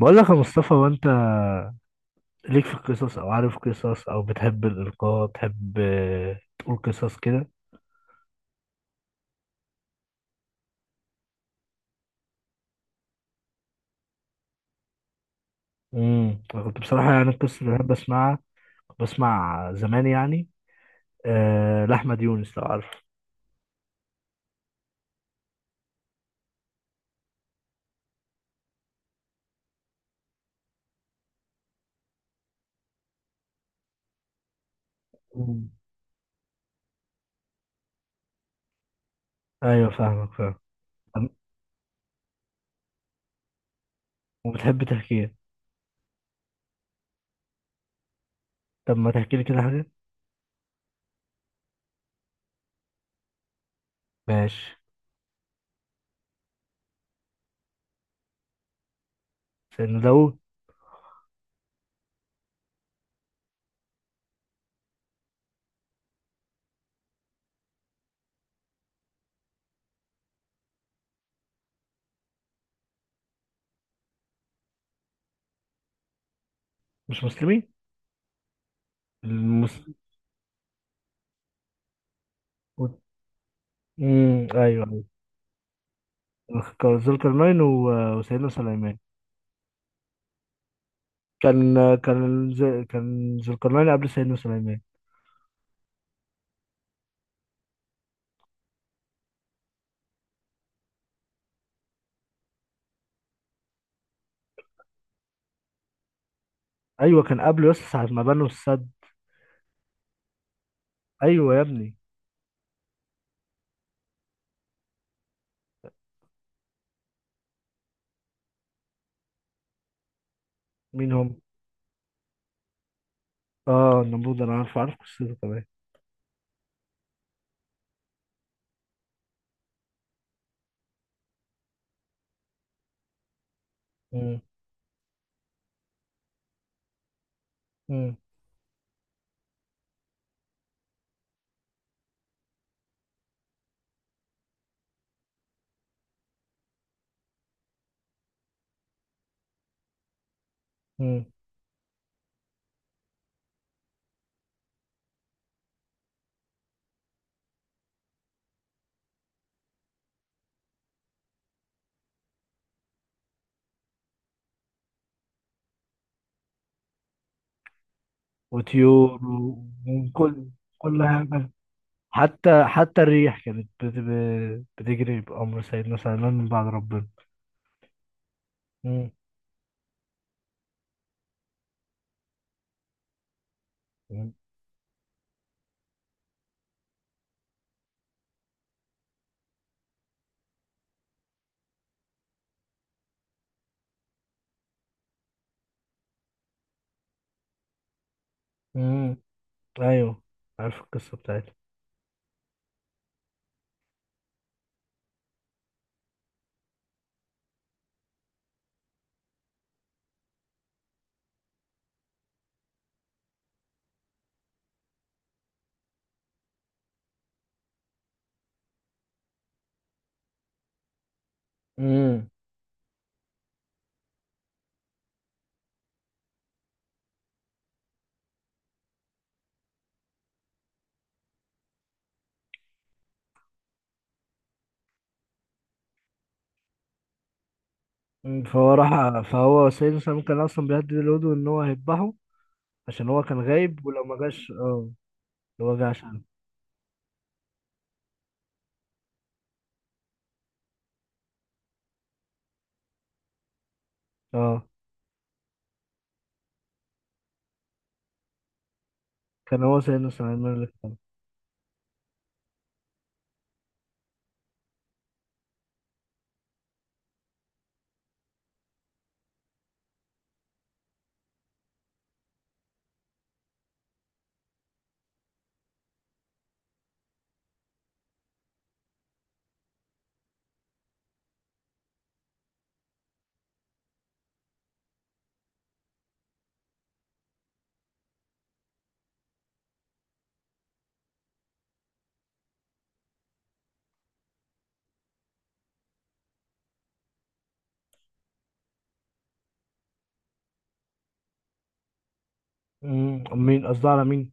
بقول لك يا مصطفى، وانت ليك في القصص؟ او عارف قصص؟ او بتحب الالقاء؟ بتحب تقول قصص كده. انا كنت بصراحه، يعني القصص اللي بحب اسمعها كنت بسمع زمان يعني لاحمد يونس، لو عارف. مم. ايوه، فاهمك فاهم. طب- وبتحب تحكيها؟ طب ما تحكي لي كده حاجه. ماشي. سيدنا داوود. مش مسلمين. المسلم. امم، ايوه. ايوه، ذو القرنين وسيدنا سليمان. كان ذو القرنين قبل سيدنا سليمان. ايوه، كان قبله يس ساعة ما بنوا السد. ايوه يا ابني. مين هم؟ اه، النمرود، انا عارف قصته كمان. مم. مم. مم. وطيور وكل. كل حاجة. حتى الريح كانت بتجري بأمر سيدنا سليمان من بعد ربنا. مم. مم. مم. ايوه. عارف القصة بتاعتها. مم. مم. فهو سيدنا سليمان كان اصلا بيهدد الهدوء ان هو هيذبحه. عشان هو كان غايب، ولو ما جاش اه. لو ما جاش. اه، كان هو سيدنا سليمان اللي اختاره. مين، قصدي على مين؟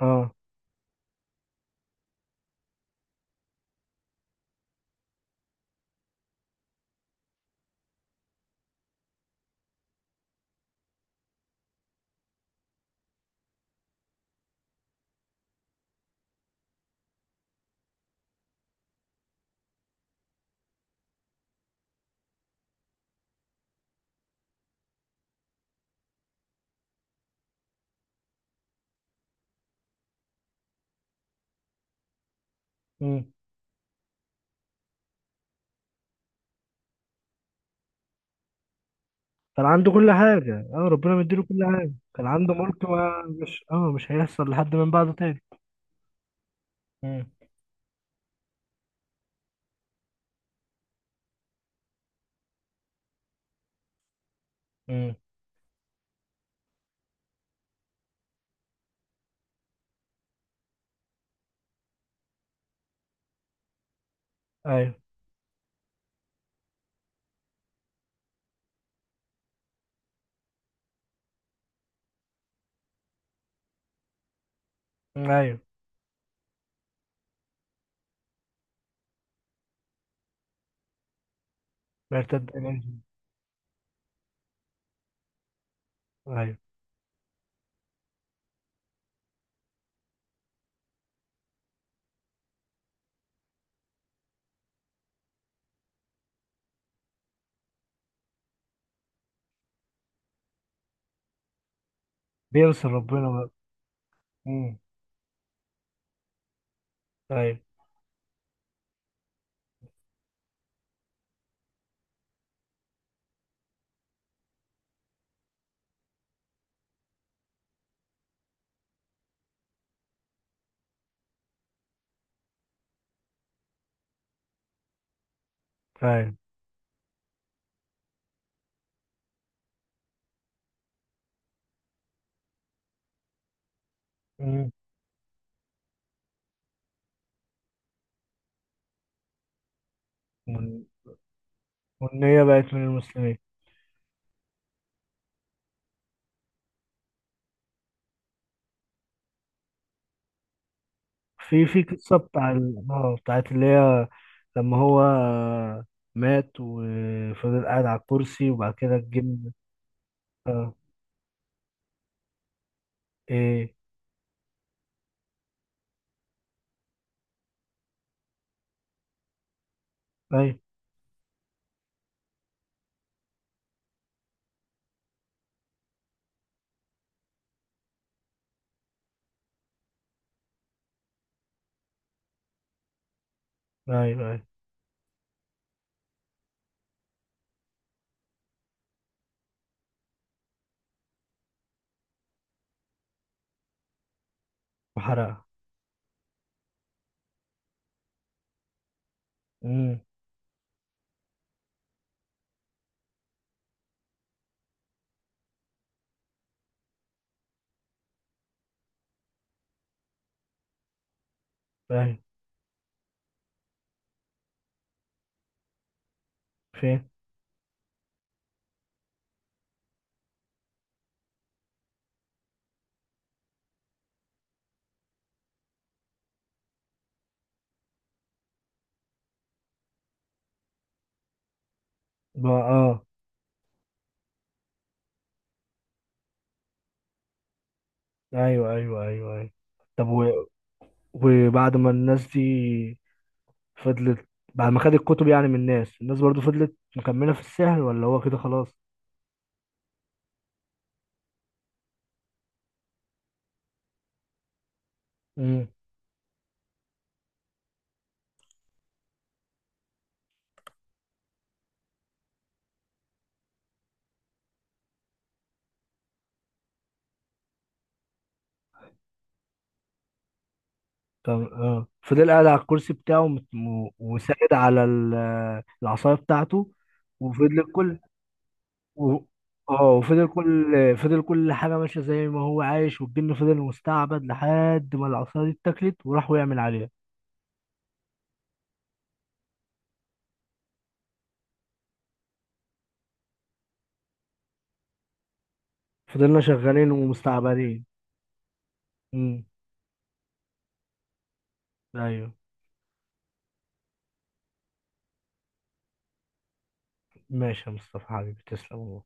اه. امم. كان عنده كل حاجة. اه، ربنا مديله كل حاجة. كان عنده ملك ما مش هيحصل لحد من بعده تاني. امم. امم، ايوه. ايوه. بيرتد إليه. ايوه. بينصر ربنا بقى. امم. ايوه. ايوه. امم. وال- والنية بقت من المسلمين. في قصة بتاعت اللي هي لما هو مات وفضل قاعد على الكرسي وبعد كده الجن. اه. ايه. ايوه. ايوه. ايوه. وحرقها. امم. ايوه. فين؟ بقى اه. ايوه. ايوه. ايوه. ايوه. طب وبعد ما الناس دي فضلت. بعد ما خد الكتب يعني من الناس، الناس برضو فضلت مكملة في السحر، ولا هو كده خلاص؟ امم. طب فضل قاعد على الكرسي بتاعه، وساند على العصاية بتاعته. وفضل كل. و... اه فضل كل حاجة ماشية زي ما هو عايش، والجن فضل مستعبد لحد ما العصاية دي اتاكلت وراحوا يعمل عليها. فضلنا شغالين ومستعبدين. امم. ايوه. ماشي يا مصطفى حبيبي، تسلم والله.